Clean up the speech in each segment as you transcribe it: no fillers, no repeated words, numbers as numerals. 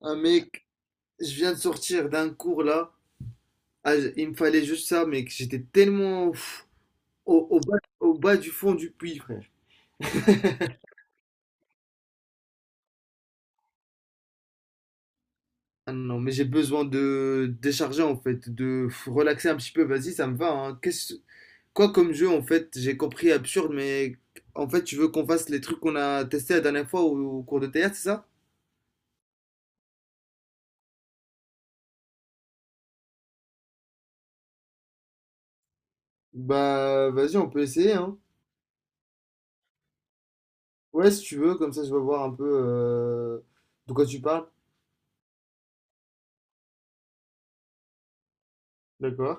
Ah mec, je viens de sortir d'un cours là. Ah, il me fallait juste ça, mec. J'étais tellement au bas du fond du puits, frère. Ah non, mais j'ai besoin de décharger en fait, relaxer un petit peu. Vas-y, ça me va, hein. Quoi comme jeu en fait? J'ai compris absurde, mais en fait, tu veux qu'on fasse les trucs qu'on a testés la dernière fois au cours de théâtre, c'est ça? Bah, vas-y, on peut essayer, hein. Ouais, si tu veux, comme ça, je vais voir un peu de quoi tu parles. D'accord.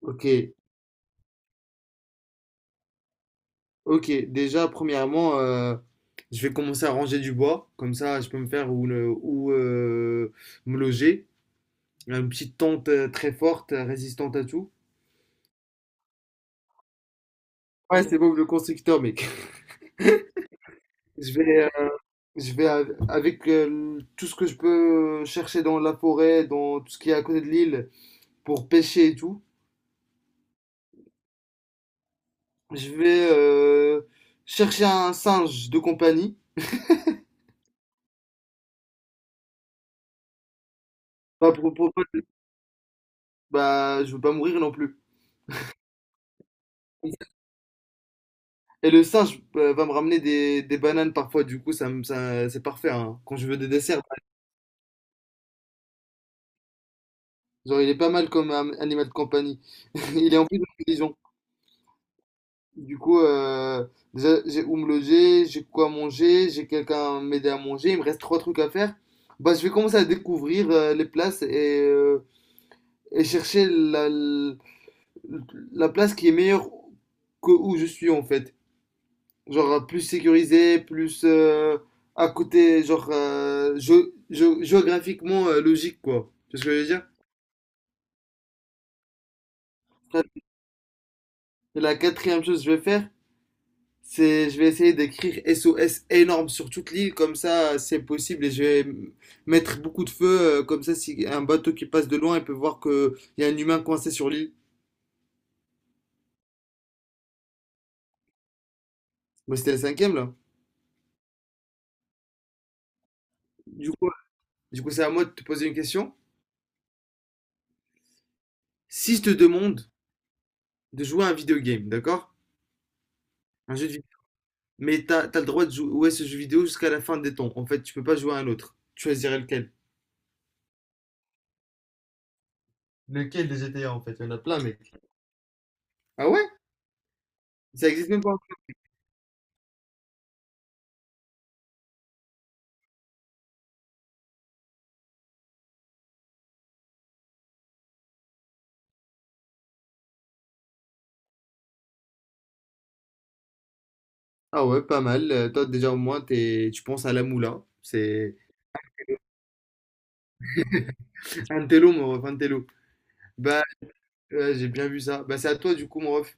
Ok. Ok, déjà, premièrement, je vais commencer à ranger du bois, comme ça je peux me faire où me loger. Une petite tente très forte, résistante à tout. Ouais, c'est Bob le constructeur, mec. Je vais, euh, je vais avec tout ce que je peux chercher dans la forêt, dans tout ce qui est à côté de l'île, pour pêcher et tout. Je vais chercher un singe de compagnie. Pas pour, pour- Bah, je veux pas mourir non plus. Et le singe va me ramener des bananes parfois, du coup, c'est parfait hein, quand je veux des desserts. Genre, il est pas mal comme animal de compagnie. Il est en plus intelligent. Du coup, déjà, j'ai où me loger, j'ai quoi manger, j'ai quelqu'un à m'aider à manger, il me reste trois trucs à faire. Bah, je vais commencer à découvrir les places et chercher la place qui est meilleure que où je suis en fait. Genre plus sécurisé, plus à côté, genre géographiquement logique, quoi. Tu vois ce que je veux dire? Et la quatrième chose que je vais faire, c'est je vais essayer d'écrire SOS énorme sur toute l'île, comme ça c'est possible et je vais mettre beaucoup de feux, comme ça si un bateau qui passe de loin, il peut voir qu'il y a un humain coincé sur l'île. Moi c'était la cinquième là. Du coup, du coup, c'est à moi de te poser une question. Si je te demande de jouer à un vidéo game, d'accord? Un jeu de Mais t'as le droit de jouer ce jeu vidéo jusqu'à la fin des temps. En fait, tu peux pas jouer à un autre. Tu choisirais lequel? Lequel des GTA en fait? Il y en a plein, mec. Ah ouais? Ça existe même pas. Ah ouais, pas mal. Toi, déjà, au moins, tu penses à la moula. C'est un télo, mon ref, un télo. Bah, j'ai bien vu ça. Bah, c'est à toi, du coup, mon ref.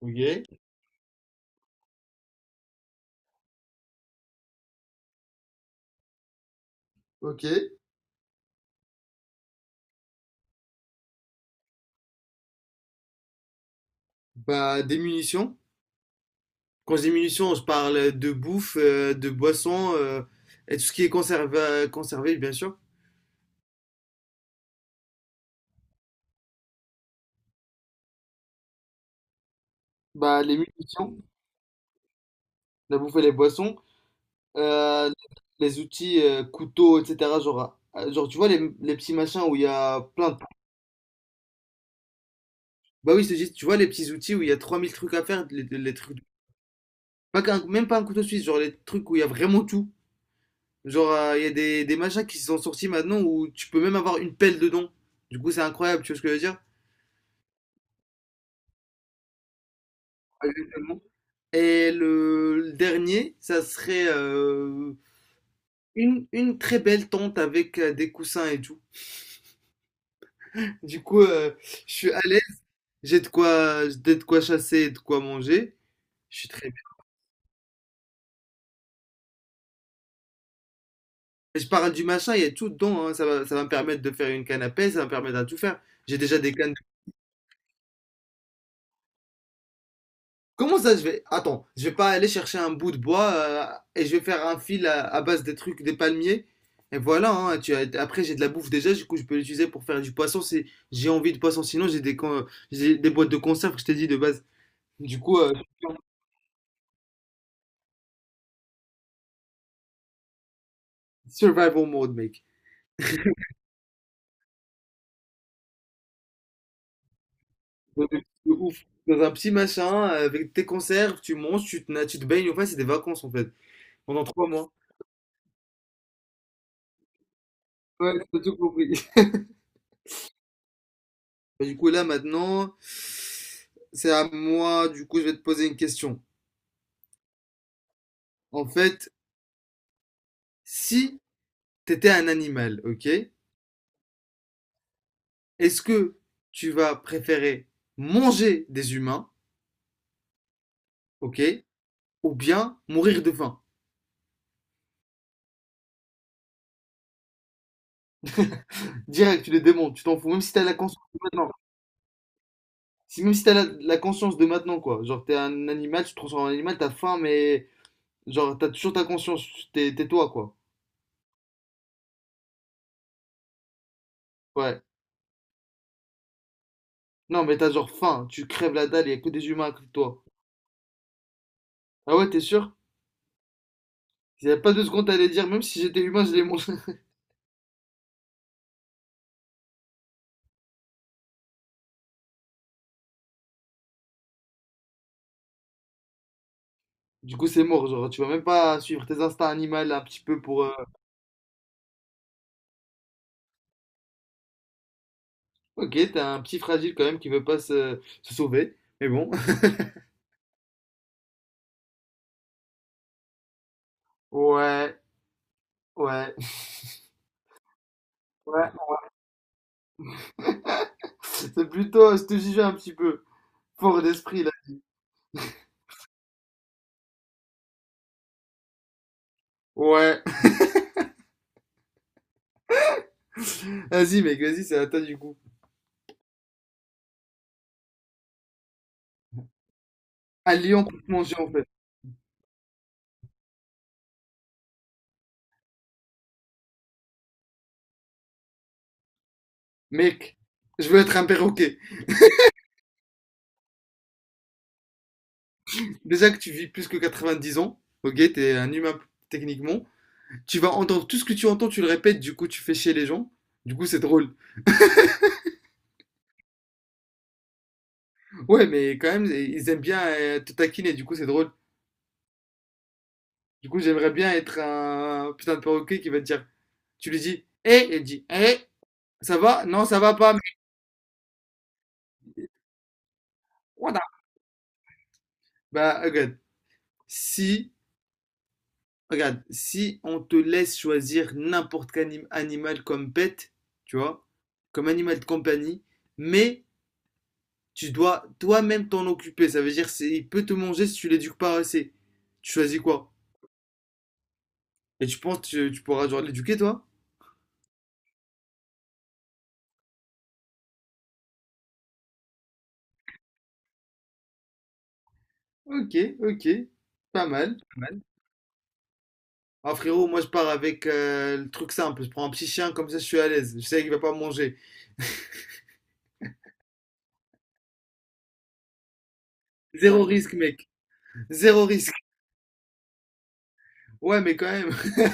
Ok, ok. Bah, des munitions. Quand je dis munitions, je parle de bouffe, de boissons, et tout ce qui est conservé, conservé, bien sûr. Bah, les munitions, la bouffe et les boissons. Euh, les outils couteaux, etc. Genre, tu vois les petits machins où il y a plein de... Bah oui, c'est juste, tu vois les petits outils où il y a 3000 trucs à faire, les trucs... Pas qu'un- Même pas un couteau suisse, genre les trucs où il y a vraiment tout. Genre, il y a des machins qui sont sortis maintenant où tu peux même avoir une pelle dedans. Du coup, c'est incroyable, tu vois ce que je veux dire? Exactement. Et le dernier, ça serait une très belle tente avec des coussins et tout. Du coup, je suis allé J'ai de quoi chasser et de quoi manger. Je suis très bien. Et je parle du machin, il y a tout dedans, hein. Ça va me permettre de faire une canne à pêche, ça va me permettre de tout faire. J'ai déjà des cannes. Comment ça, je vais... Attends, je vais pas aller chercher un bout de bois et je vais faire un fil à base des trucs, des palmiers. Et voilà, hein, après j'ai de la bouffe déjà, du coup je peux l'utiliser pour faire du poisson si j'ai envie de poisson. Sinon j'ai des boîtes de conserve que je t'ai dit de base. Du coup, survival mode, mec. Ouais, mais c'est de ouf. Dans un petit machin, avec tes conserves, tu manges, tu te baignes, enfin, c'est des vacances en fait, pendant 3 mois. Ouais, t'as tout compris. Du coup, là maintenant, c'est à moi, du coup, je vais te poser une question. En fait, si t'étais un animal, ok, est-ce que tu vas préférer manger des humains, ok, ou bien mourir de faim? Direct, tu les démontes, tu t'en fous, même si t'as la conscience de maintenant. Si, même si t'as la conscience de maintenant, quoi. Genre, t'es un animal, tu te transformes en animal, t'as faim, mais genre, t'as toujours ta conscience, t'es toi, quoi. Ouais. Non, mais t'as genre faim, tu crèves la dalle, y a que des humains à côté de toi. Ah ouais, t'es sûr? Il y a pas deux secondes, t'allais dire, même si j'étais humain, je les mange. Du coup, c'est mort, genre, tu vas même pas suivre tes instincts animaux un petit peu pour. Ok, t'es un petit fragile quand même qui veut pas se sauver, mais bon. Ouais, ouais, ouais. C'est plutôt, je te jugeais un petit peu. Fort d'esprit, là. Ouais. Vas-y, mec, vas-y, c'est à toi du coup. Un lion peut te manger, en fait. Mec, je veux être un perroquet. Déjà que tu vis plus que 90 ans, ok, t'es un humain techniquement. Tu vas entendre tout ce que tu entends, tu le répètes, du coup tu fais chier les gens. Du coup c'est drôle. Ouais, mais quand même, ils aiment bien te taquiner, du coup c'est drôle. Du coup j'aimerais bien être un putain de perroquet qui va te dire, tu lui dis, hé, il dit, hé, ça va? Non, ça va pas, mais voilà. Bah si, regarde, si on te laisse choisir n'importe quel animal comme pet, tu vois, comme animal de compagnie, mais tu dois toi-même t'en occuper. Ça veut dire c'est il peut te manger si tu l'éduques pas assez. Tu choisis quoi? Et tu penses que tu pourras genre l'éduquer toi? Ok, ok. Pas mal. Pas mal. Ah frérot, moi je pars avec le truc simple. Je prends un petit chien comme ça je suis à l'aise. Je sais qu'il va pas manger. Zéro risque mec. Zéro risque. Ouais mais quand même.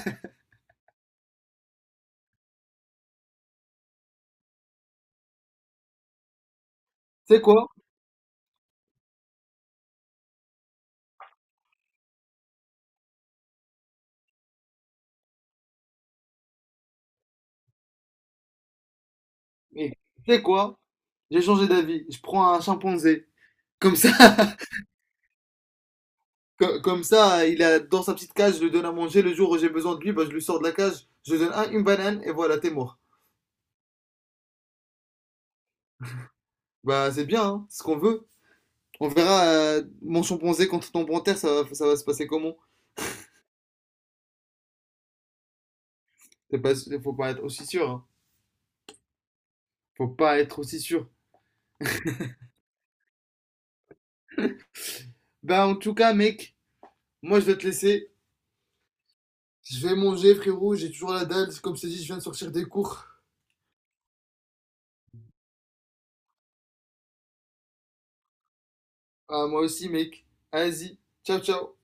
C'est quoi? Eh, c'est quoi? J'ai changé d'avis. Je prends un chimpanzé. Comme ça. Comme ça, il est dans sa petite cage, je lui donne à manger. Le jour où j'ai besoin de lui, bah, je lui sors de la cage, je lui donne une banane et voilà, t'es mort. Bah, c'est bien, hein, c'est ce qu'on veut. On verra mon chimpanzé contre ton panthère, ça va se passer comment? C'est pas, faut pas être aussi sûr, hein. Faut pas être aussi sûr. Bah, en tout cas, mec, moi je vais te laisser. Je vais manger, frérot, j'ai toujours la dalle. Comme je t'ai dit, je viens de sortir des cours. Ah, moi aussi, mec. Vas-y, ciao, ciao.